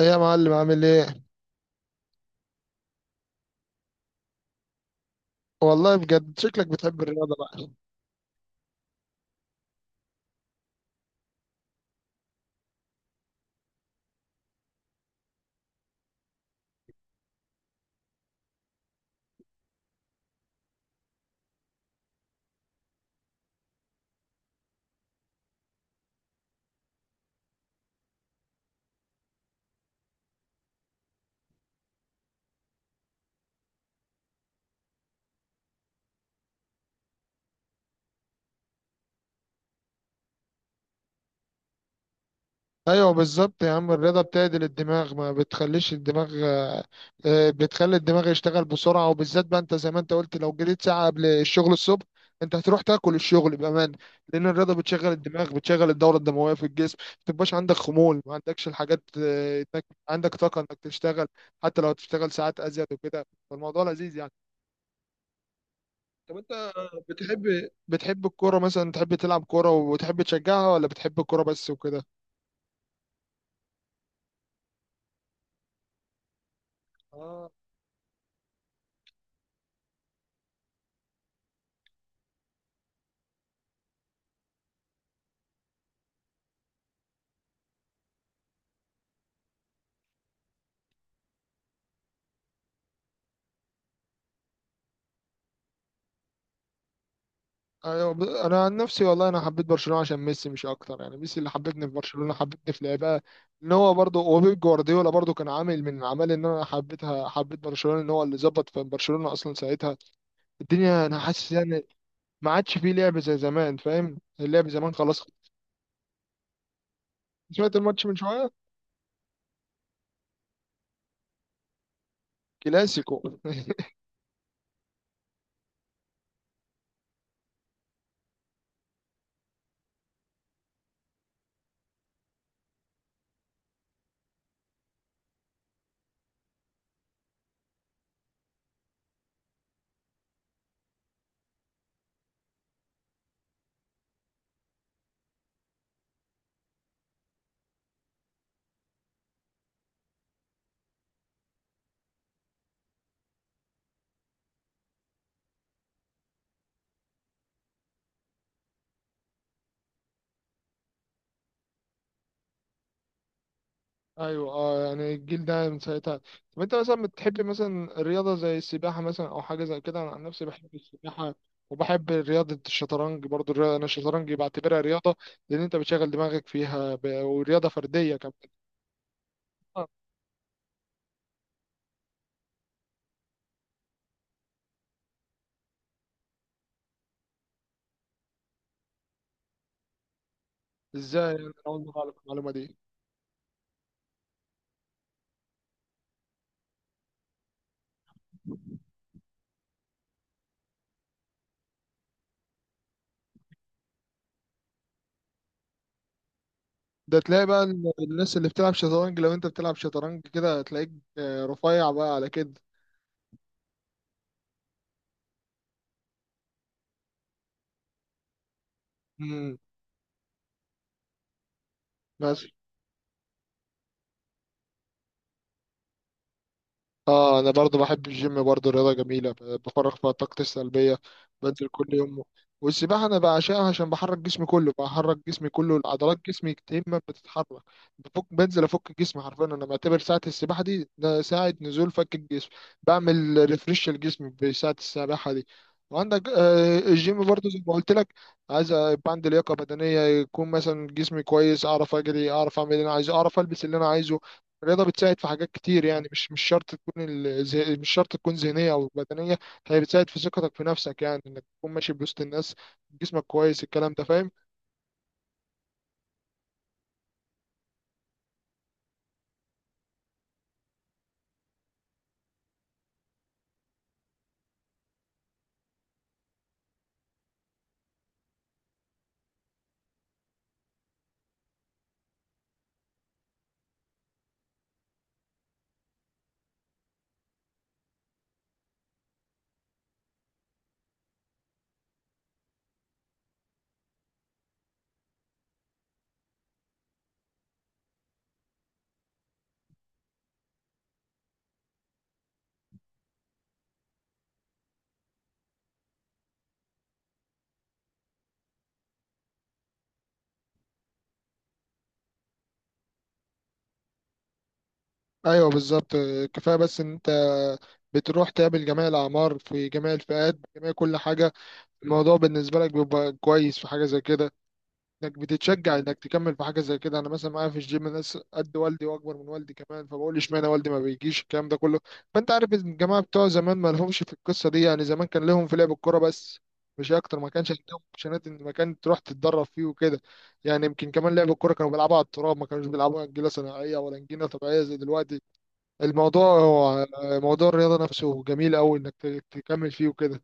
ايه يا معلم عامل ايه؟ والله بجد شكلك بتحب الرياضه بقى. ايوه بالظبط يا عم، الرياضه بتعدل الدماغ، ما بتخليش الدماغ بتخلي الدماغ يشتغل بسرعه، وبالذات بقى انت زي ما انت قلت لو جريت ساعه قبل الشغل الصبح انت هتروح تاكل الشغل بامان. لان الرياضه بتشغل الدماغ، بتشغل الدوره الدمويه في الجسم، ما تبقاش عندك خمول، ما عندكش الحاجات عندك طاقه انك تشتغل، حتى لو تشتغل ساعات ازيد وكده، فالموضوع لذيذ يعني. طب انت بتحب الكوره مثلا، تحب تلعب كوره وتحب تشجعها، ولا بتحب الكوره بس وكده؟ اه ايوه، انا عن نفسي والله انا حبيت برشلونه عشان ميسي مش اكتر يعني، ميسي اللي حببني في برشلونه، حببني في لعبها. ان هو برضه وبيب جوارديولا برضه كان عامل من عمال ان انا حبيتها، حبيت برشلونه، ان هو اللي ظبط في برشلونه اصلا ساعتها الدنيا، انا حاسس يعني ما عادش فيه لعب زي زمان. فاهم؟ اللعب زمان خلاص. سمعت الماتش من شويه، كلاسيكو. ايوه اه، يعني الجيل ده من ساعتها. طب انت مثلا بتحب مثلا الرياضه زي السباحه مثلا او حاجه زي كده؟ انا عن نفسي بحب السباحه، وبحب رياضه الشطرنج برضو الرياضه، انا الشطرنج بعتبرها رياضه، لان انت بتشغل دماغك فيها ورياضه فرديه كمان. آه، ازاي يعني؟ أنا اول مره اعرف المعلومه دي. ده تلاقي بقى الناس اللي بتلعب شطرنج، لو انت بتلعب شطرنج كده هتلاقيك رفيع بقى على كده. امم، بس اه انا برضو بحب الجيم، برضو رياضه جميله، بفرغ فيها طاقتي السلبيه، بنزل كل يوم. والسباحه انا بعشقها عشان بحرك جسمي كله، بحرك جسمي كله، عضلات جسمي كتير ما بتتحرك، بفك، بنزل افك جسمي حرفيا، انا بعتبر ساعه السباحه دي ده ساعه نزول فك الجسم، بعمل ريفريش لجسمي بساعه السباحه دي. وعندك الجيم برضو زي ما قلت لك، عايز يبقى عندي لياقه بدنيه، يكون مثلا جسمي كويس، اعرف اجري، اعرف اعمل اللي انا عايزه، اعرف البس اللي انا عايزه. الرياضة بتساعد في حاجات كتير يعني، مش شرط تكون مش شرط تكون ذهنية أو بدنية. هي بتساعد في ثقتك في نفسك، يعني إنك تكون ماشي بوسط الناس، جسمك كويس، الكلام ده فاهم. أيوه بالظبط. كفاية بس إن أنت بتروح تقابل جميع الأعمار، في جميع الفئات، جميع كل حاجة. الموضوع بالنسبة لك بيبقى كويس في حاجة زي كده، انك بتتشجع انك تكمل في حاجه زي كده. انا مثلا معايا في الجيم ناس قد والدي، واكبر من والدي كمان، فبقول اشمعنى والدي ما بيجيش الكلام ده كله. فانت عارف ان الجماعه بتوع زمان ما لهمش في القصه دي، يعني زمان كان لهم في لعب الكوره بس، مش اكتر. ما كانش عندهم اوبشنات ان مكان تروح تتدرب فيه وكده. يعني يمكن كمان لعب الكوره كانوا بيلعبوا على التراب، ما كانوش بيلعبوا انجيله صناعيه ولا انجيله طبيعيه زي دلوقتي. الموضوع هو موضوع الرياضه نفسه جميل قوي انك تكمل فيه وكده.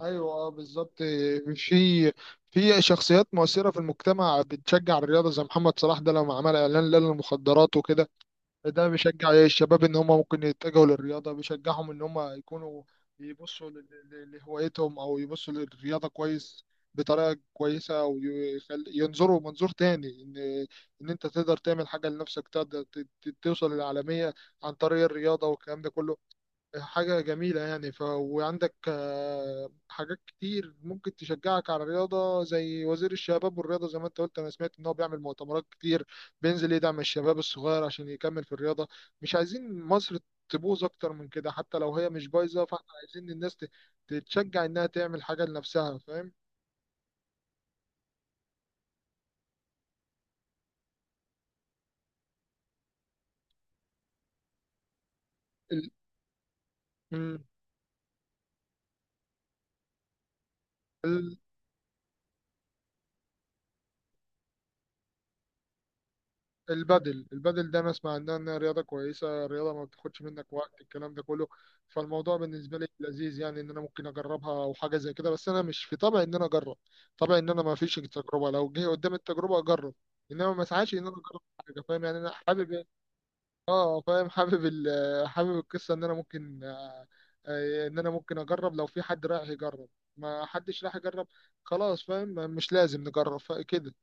ايوه اه بالظبط. في في شخصيات مؤثره في المجتمع بتشجع الرياضه، زي محمد صلاح ده لما عمل اعلان لا للمخدرات وكده، ده بيشجع الشباب ان هم ممكن يتجهوا للرياضه، بيشجعهم ان هم يكونوا يبصوا لهوايتهم او يبصوا للرياضه كويس، بطريقه كويسه، وينظروا منظور تاني، ان انت تقدر تعمل حاجه لنفسك، تقدر توصل للعالميه عن طريق الرياضه والكلام ده كله. حاجة جميلة يعني. وعندك حاجات كتير ممكن تشجعك على الرياضة، زي وزير الشباب والرياضة زي ما انت قلت، انا سمعت ان هو بيعمل مؤتمرات كتير، بينزل يدعم الشباب الصغير عشان يكمل في الرياضة. مش عايزين مصر تبوظ اكتر من كده، حتى لو هي مش بايظة، فاحنا عايزين الناس تتشجع انها تعمل حاجة لنفسها، فاهم؟ ال... مم. البادل ده انا اسمع انها رياضه كويسه، رياضه ما بتاخدش منك وقت، الكلام ده كله. فالموضوع بالنسبه لي لذيذ يعني، ان انا ممكن اجربها او حاجه زي كده، بس انا مش في طبع ان انا اجرب، طبع ان انا ما فيش تجربه، لو جه قدام التجربه اجرب، انما ما سعاش ان انا اجرب حاجه، فاهم يعني؟ انا حابب إيه؟ اه فاهم. حابب حابب القصه ان انا ممكن ان انا ممكن اجرب لو في حد رايح يجرب، ما حدش راح يجرب، خلاص، فاهم؟ مش لازم نجرب كده.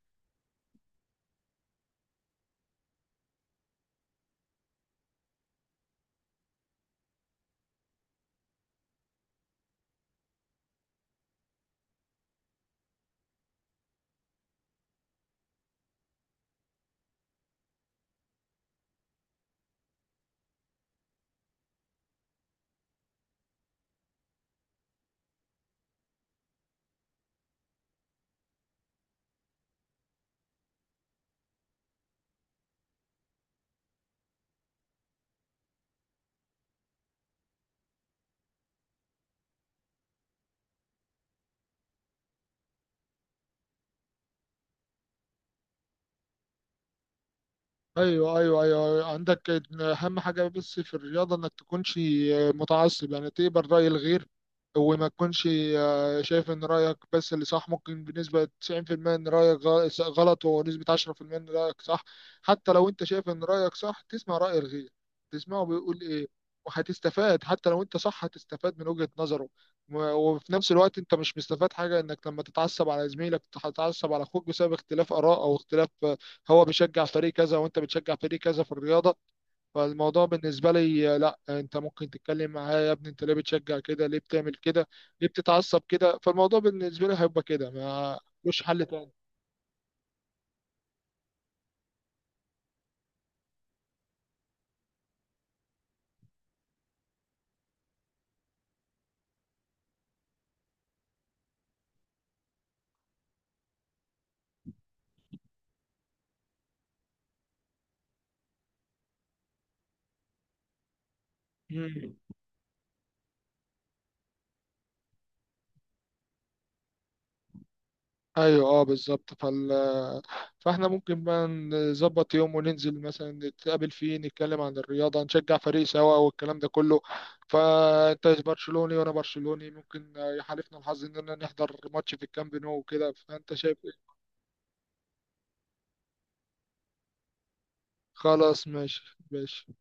ايوه ايوه ايوه أيوه. عندك اهم حاجه بس في الرياضه انك تكونش متعصب، يعني تقبل راي الغير، وما تكونش شايف ان رايك بس اللي صح. ممكن بنسبه 90% ان رايك غلط، ونسبه 10% ان رايك صح. حتى لو انت شايف ان رايك صح، تسمع راي الغير، تسمعه بيقول ايه، وهتستفاد. حتى لو انت صح هتستفاد من وجهه نظره. وفي نفس الوقت انت مش مستفاد حاجه انك لما تتعصب على زميلك، تتعصب على اخوك بسبب اختلاف اراء او اختلاف، هو بيشجع فريق كذا وانت بتشجع فريق كذا في الرياضه. فالموضوع بالنسبه لي لا، انت ممكن تتكلم معاه، يا ابني انت ليه بتشجع كده، ليه بتعمل كده، ليه بتتعصب كده؟ فالموضوع بالنسبه لي هيبقى كده، ما مش حل تاني. مم. ايوه اه بالظبط. فاحنا ممكن بقى نظبط يوم وننزل مثلا نتقابل فيه، نتكلم عن الرياضه، نشجع فريق سوا والكلام ده كله. فانت برشلوني وانا برشلوني، ممكن يحالفنا الحظ اننا نحضر ماتش في الكامب نو وكده، فانت شايف إيه؟ خلاص ماشي. ماشي.